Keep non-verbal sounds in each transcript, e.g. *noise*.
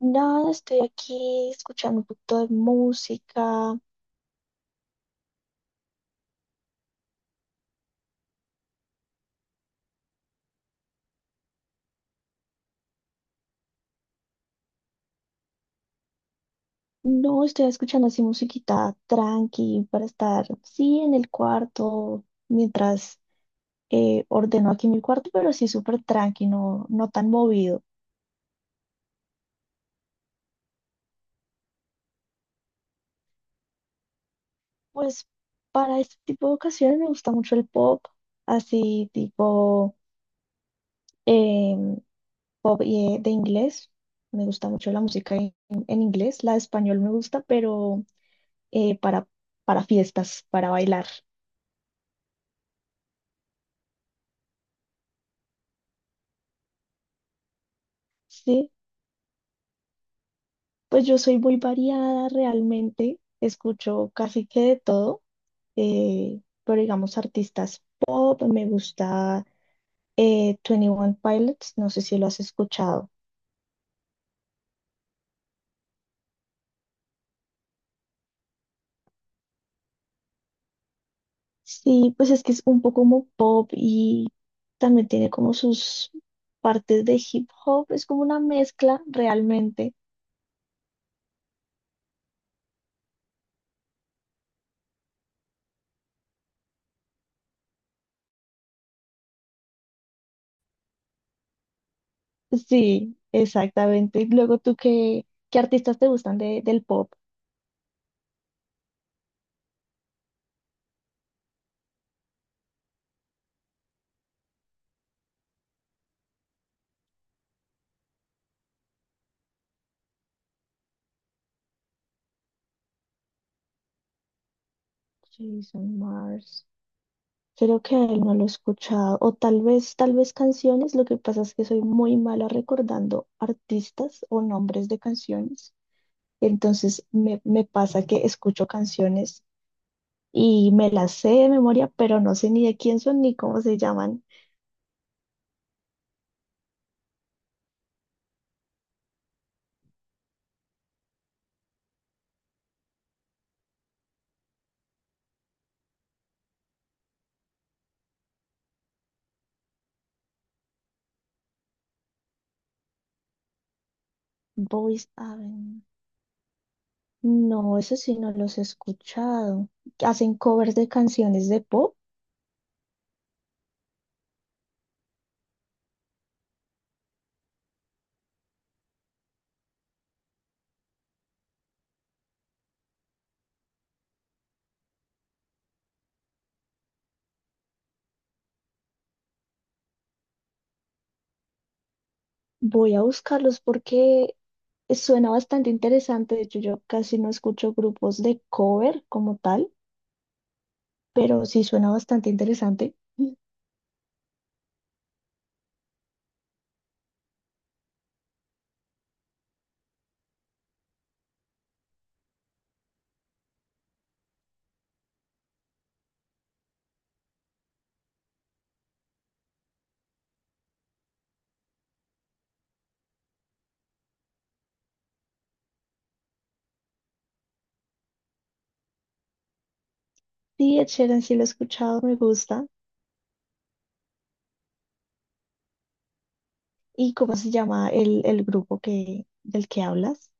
Nada, estoy aquí escuchando un poquito de música. No, estoy escuchando así musiquita tranqui para estar, sí, en el cuarto, mientras ordeno aquí mi cuarto, pero sí súper tranqui, no, no tan movido. Pues para este tipo de ocasiones me gusta mucho el pop, así tipo em, pop y, de inglés. Me gusta mucho la música en inglés, la de español me gusta, pero eh, para, para fiestas, para bailar. Sí, pues yo soy muy variada realmente, escucho casi que de todo, pero digamos artistas pop, me gusta twenty One Pilots, no sé si lo has escuchado. Sí, pues es que es un poco como pop y también tiene como sus partes de hip hop, es como una mezcla realmente. Sí, exactamente. Luego tú, ¿qué, qué artistas te gustan del pop? Jason Mars. Creo que a él no lo he escuchado. O tal vez canciones. Lo que pasa es que soy muy mala recordando artistas o nombres de canciones. Entonces me pasa que escucho canciones y me las sé de memoria, pero no sé ni de quién son ni cómo se llaman. Boys Avenue. No, eso sí no los he escuchado. Hacen covers de canciones de pop. Voy a buscarlos porque suena bastante interesante. De hecho, yo casi no escucho grupos de cover como tal, pero sí suena bastante interesante. Sí, Ed Sheeran sí lo he escuchado, me gusta. ¿Y cómo se llama el grupo del que hablas?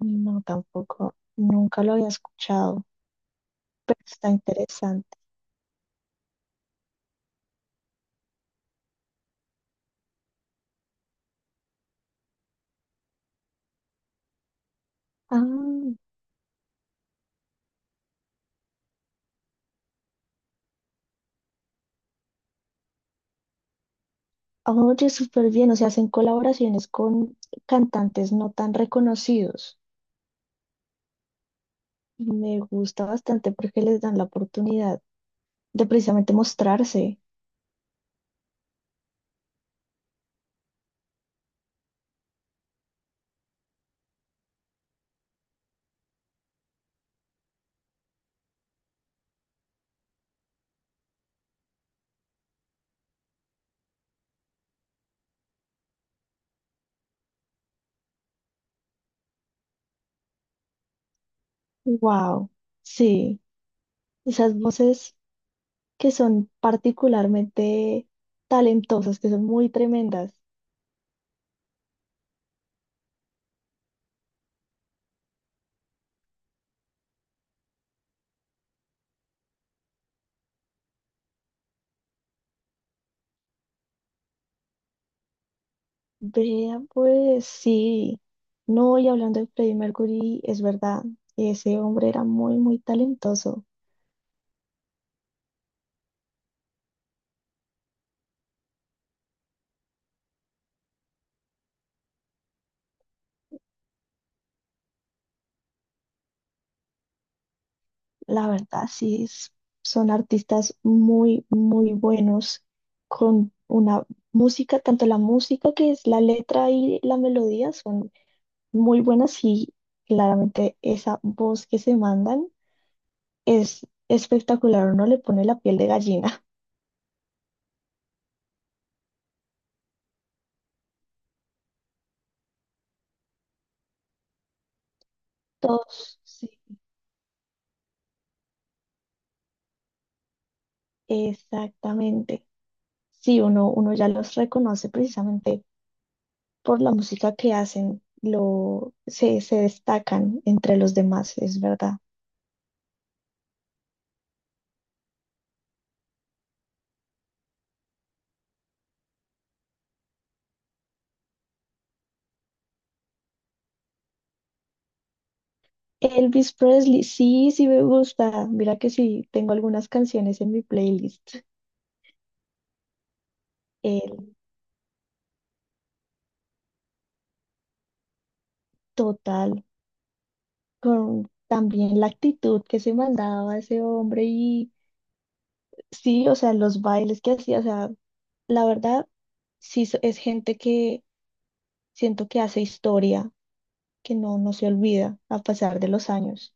No, tampoco, nunca lo había escuchado, pero está interesante. Ah, oye, súper bien, o sea, hacen colaboraciones con cantantes no tan reconocidos. Me gusta bastante porque les dan la oportunidad de precisamente mostrarse. Wow, sí, esas voces que son particularmente talentosas, que son muy tremendas. Vea, pues sí, no, y hablando de Freddie Mercury, es verdad, ese hombre era muy, muy talentoso. La verdad, sí, son artistas muy, muy buenos con una música, tanto la música que es la letra y la melodía son muy buenas, y claramente esa voz que se mandan es espectacular, uno le pone la piel de gallina. Todos, sí, exactamente. Sí, uno ya los reconoce precisamente por la música que hacen, se destacan entre los demás, es verdad. Elvis Presley, sí, sí me gusta. Mira que sí, tengo algunas canciones en mi playlist. El total, con también la actitud que se mandaba ese hombre y sí, o sea, los bailes que hacía, o sea, la verdad, sí es gente que siento que hace historia, que no, no se olvida a pasar de los años.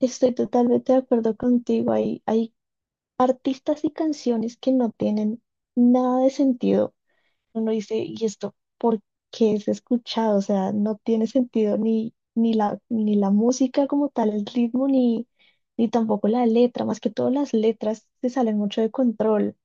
Estoy totalmente de acuerdo contigo. Hay artistas y canciones que no tienen nada de sentido. Uno dice, ¿y esto por qué es escuchado? O sea, no tiene sentido ni la música como tal, el ritmo, ni tampoco la letra. Más que todo las letras se salen mucho de control.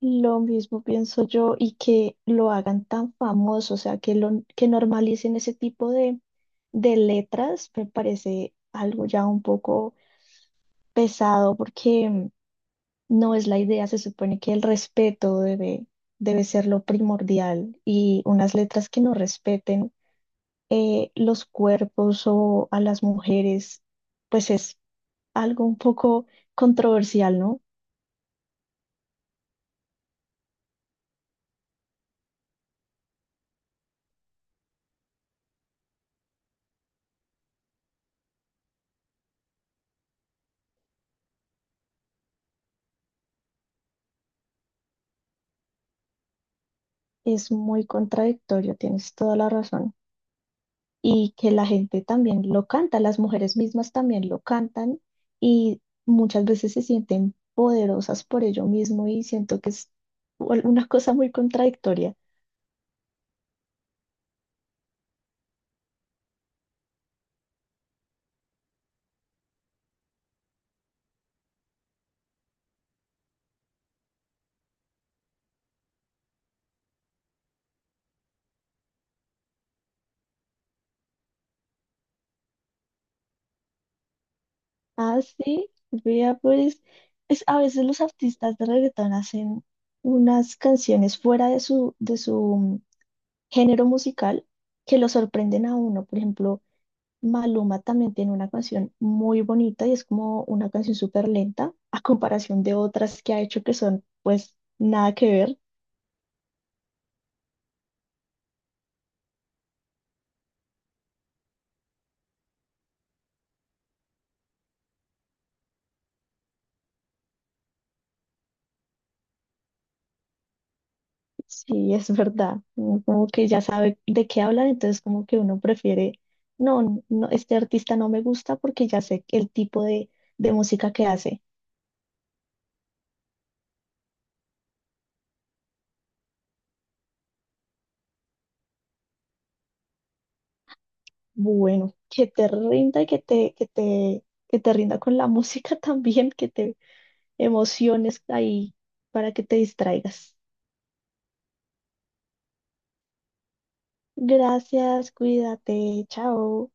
Lo mismo pienso yo, y que lo hagan tan famoso, o sea, que lo que normalicen ese tipo de letras, me parece algo ya un poco pesado, porque no es la idea, se supone que el respeto debe ser lo primordial, y unas letras que no respeten los cuerpos o a las mujeres, pues es algo un poco controversial, ¿no? Es muy contradictorio, tienes toda la razón. Y que la gente también lo canta, las mujeres mismas también lo cantan, y muchas veces se sienten poderosas por ello mismo, y siento que es una cosa muy contradictoria. Ah, sí, vea, pues es, a veces los artistas de reggaetón hacen unas canciones fuera de su, de su género musical, que lo sorprenden a uno. Por ejemplo, Maluma también tiene una canción muy bonita y es como una canción súper lenta *laughs* a comparación de otras que ha hecho que son pues nada que ver. Sí, es verdad. Uno como que ya sabe de qué hablan, entonces como que uno prefiere, no, no, este artista no me gusta porque ya sé el tipo de música que hace. Bueno, que te rinda, y que te rinda con la música *laughs* también, que te emociones ahí para que te distraigas. Gracias, cuídate, chao.